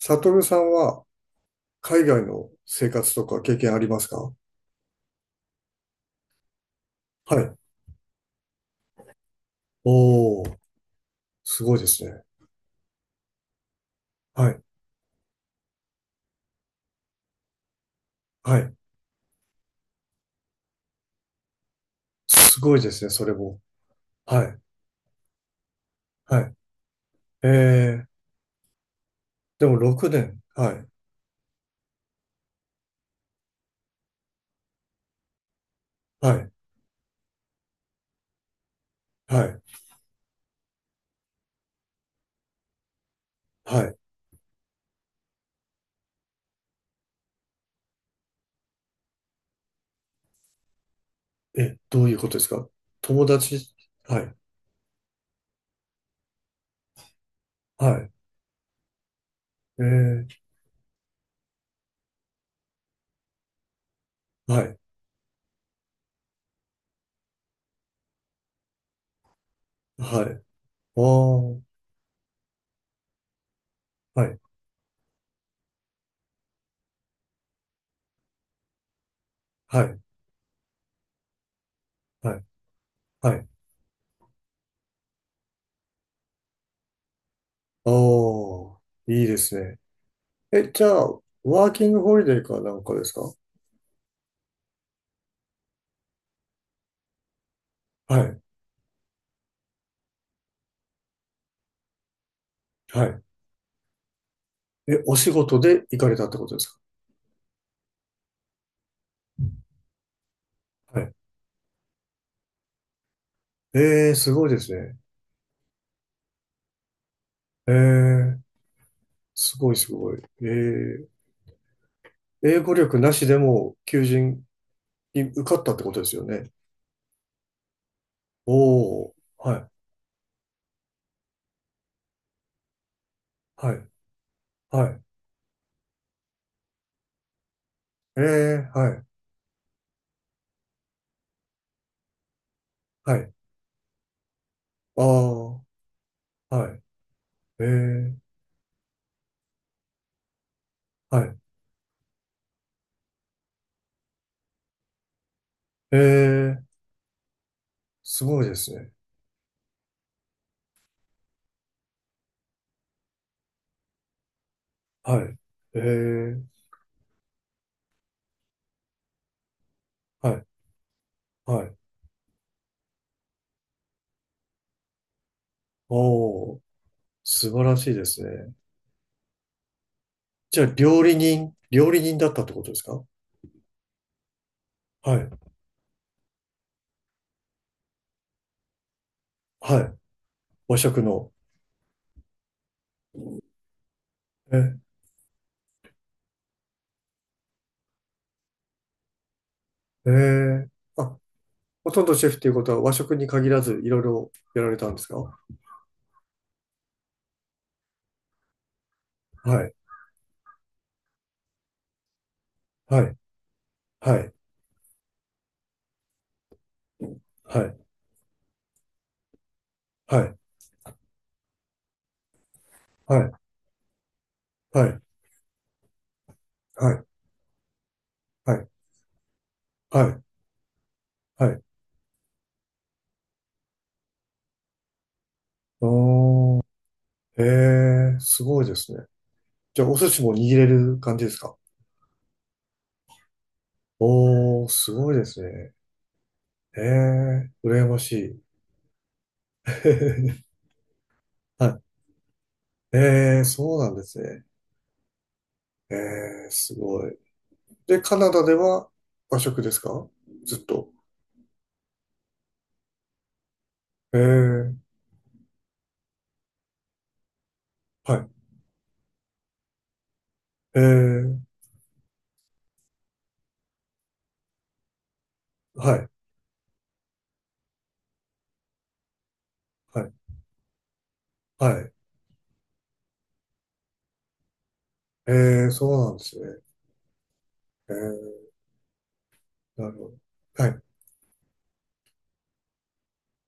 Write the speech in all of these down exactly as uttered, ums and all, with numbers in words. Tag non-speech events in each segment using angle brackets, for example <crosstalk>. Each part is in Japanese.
サトルさんは海外の生活とか経験ありますか？はい。おー、すごいですね。はい、はい。すごいですね、それも。はい、はい。えー、でもろくねん。はい、はい、はい、はい。え、どういうことですか？友達。はい、はい。えー、はい、はい。おー、はい、はい、はい、はい。おー、いいですね。え、じゃあ、ワーキングホリデーかなんかですか？はい、はい。え、お仕事で行かれたってことですか？はい。ええ、すごいですね。ええ、すごいすごい。ええ、英語力なしでも求人に受かったってことですよね。おお、はい、はい、はい。ええ、はい、はい。ああ、はい。ええ、はい。ええ、すごいですね。はい。ええ、はい、はい。おお、素晴らしいですね。じゃあ、料理人、料理人だったってことですか？はい、はい。和食の。えええ。あ、ほとんどシェフっていうことは和食に限らずいろいろやられたんですか？はい、はい、はい、はい、はい、はい、はい、はい、はい、はい、はい。おー、ええ、すごいですね。じゃあお寿司も握れる感じですか？おー、すごいですね。ええ、羨ましい。<laughs> はい。ええ、そうなんですね。ええ、すごい。で、カナダでは和食ですか？ずっと。ええ、はい。ええ、はい。はい。はい。えー、そうなんですね。えー、なるほど。はい。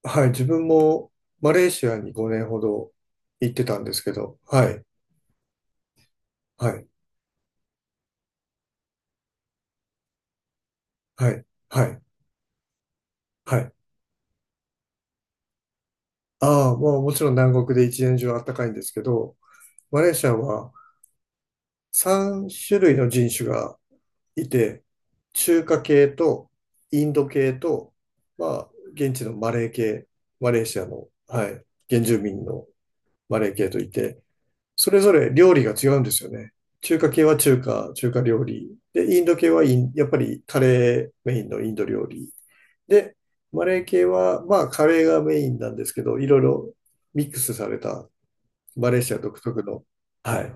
はい。自分もマレーシアにごねんほど行ってたんですけど、はい。はい。はい。はい。はい。ああ、まあもちろん南国で一年中暖かいんですけど、マレーシアはさん種類の人種がいて、中華系とインド系と、まあ、現地のマレー系、マレーシアの、はい、原住民のマレー系といて、それぞれ料理が違うんですよね。中華系は中華、中華料理。で、インド系はインやっぱりカレーメインのインド料理。で、マレー系は、まあカレーがメインなんですけど、いろいろミックスされたマレーシア独特の、はい、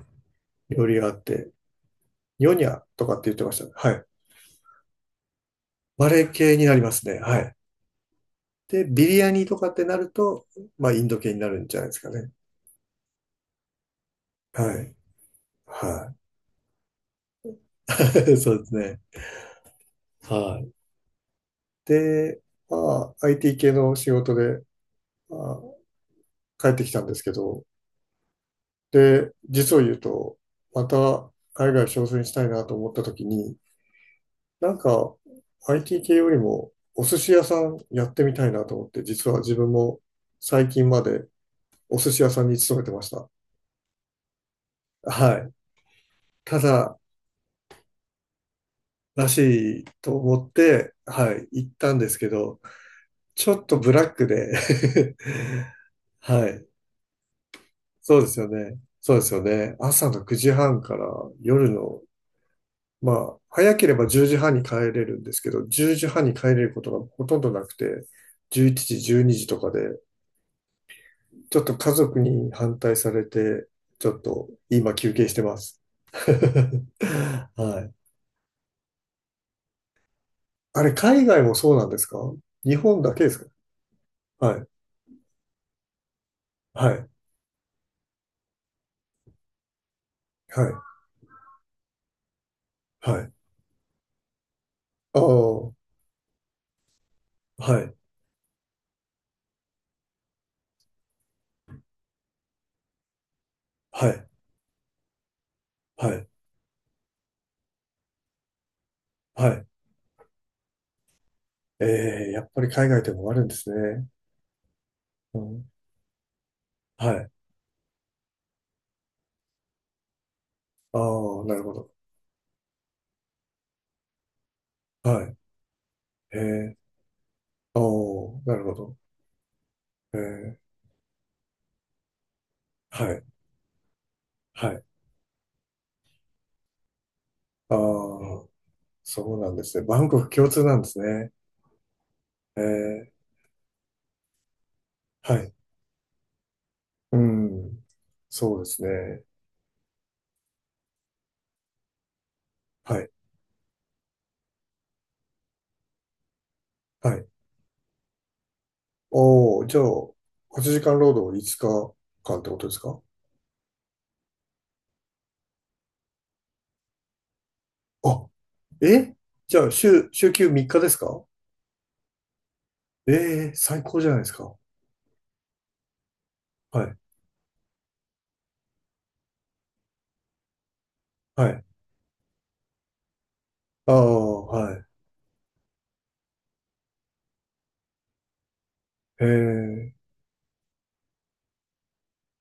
料理があって、ニョニャとかって言ってましたね。はい。マレー系になりますね。はい。で、ビリヤニとかってなると、まあインド系になるんじゃないですかね。はい。はい。<laughs> そうですね。はい。で、まあ、アイティー 系の仕事で、まあ、帰ってきたんですけど、で、実を言うと、また海外挑戦したいなと思った時に、なんか アイティー 系よりもお寿司屋さんやってみたいなと思って、実は自分も最近までお寿司屋さんに勤めてました。はい。ただ、らしいと思って、はい、行ったんですけど、ちょっとブラックで <laughs> はい。そうですよね。そうですよね。朝のくじはんから夜の、まあ、早ければじゅうじはんに帰れるんですけど、じゅうじはんに帰れることがほとんどなくて、じゅういちじ、じゅうにじとかで、ちょっと家族に反対されて、ちょっと今休憩してます。<laughs> はい。あれ、海外もそうなんですか？日本だけですか？はい。はい。はい。はい。ああ、はい。はい。はい。はい。ええ、やっぱり海外でもあるんですね。うん。はい。ああ、なるほど。はい。ええ。ああ、なるほど。ええ。はい。はい。ああ、そうなんですね。バンコク共通なんですね。ええ。はい。うん。そうですね。はい。はい。おお、じゃあ、はちじかん労働いつかかんってことですか？あ、え、じゃあ、週、週休みっかですか？ええ、最高じゃないですか。はい。はい。ああ、はい。ええ。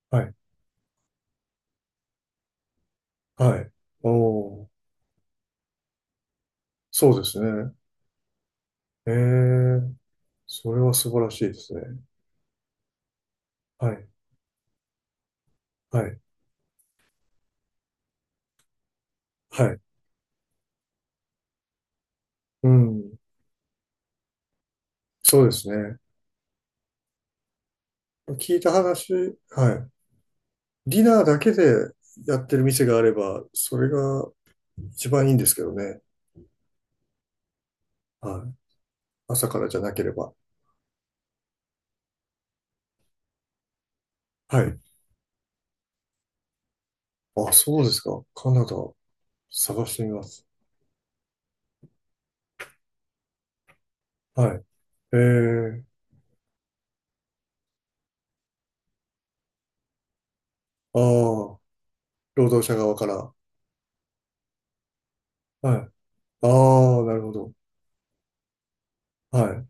はい。はい。おお、そうですね。ええ。それは素晴らしいですね。はい。はい。はい。うん。そうですね。聞いた話、はい。ディナーだけでやってる店があれば、それが一番いいんですけどね。はい。朝からじゃなければ。はい。あ、そうですか。カナダ、探してみます。はい。えー、ああ、労働者側から。はい。ああ、なるほど。はい。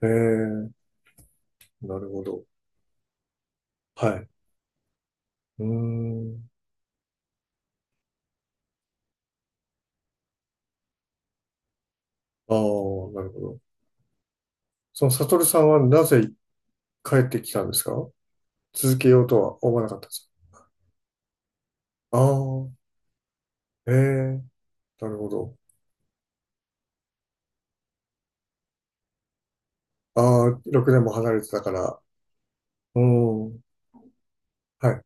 えー、なるほど。はい。うーん。ああ、なるほど。その、サトルさんはなぜ帰ってきたんですか？続けようとは思わなかったんですか？ああ、ええ、なるほど。ああ、ろくねんも離れてたから。うん、はい。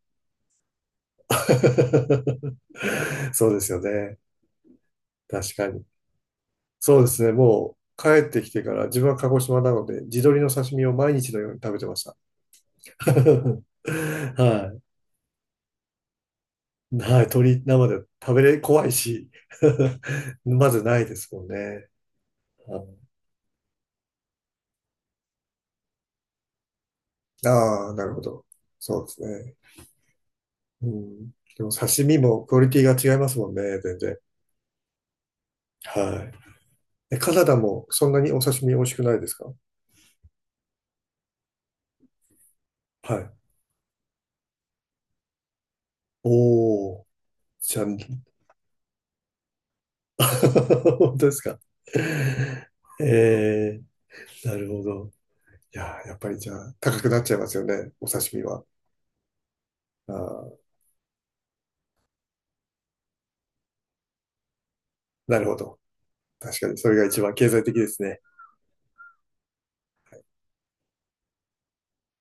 <laughs> そうですよね。確かに。そうですね。もう帰ってきてから自分は鹿児島なので、地鶏の刺身を毎日のように食べてました。<laughs> はい。はい。鶏生で食べれ、怖いし。<laughs> まずないですもんね。ああー、なるほど。そうですね。うん。でも刺身もクオリティが違いますもんね、全然。はい。え、カナダもそんなにお刺身美味しくないですか？はい。おー。じゃん、<laughs> 本当ですか。えー、なるほど。いやー、やっぱりじゃあ、高くなっちゃいますよね、お刺身は。あー、なるほど。確かに、それが一番経済的ですね。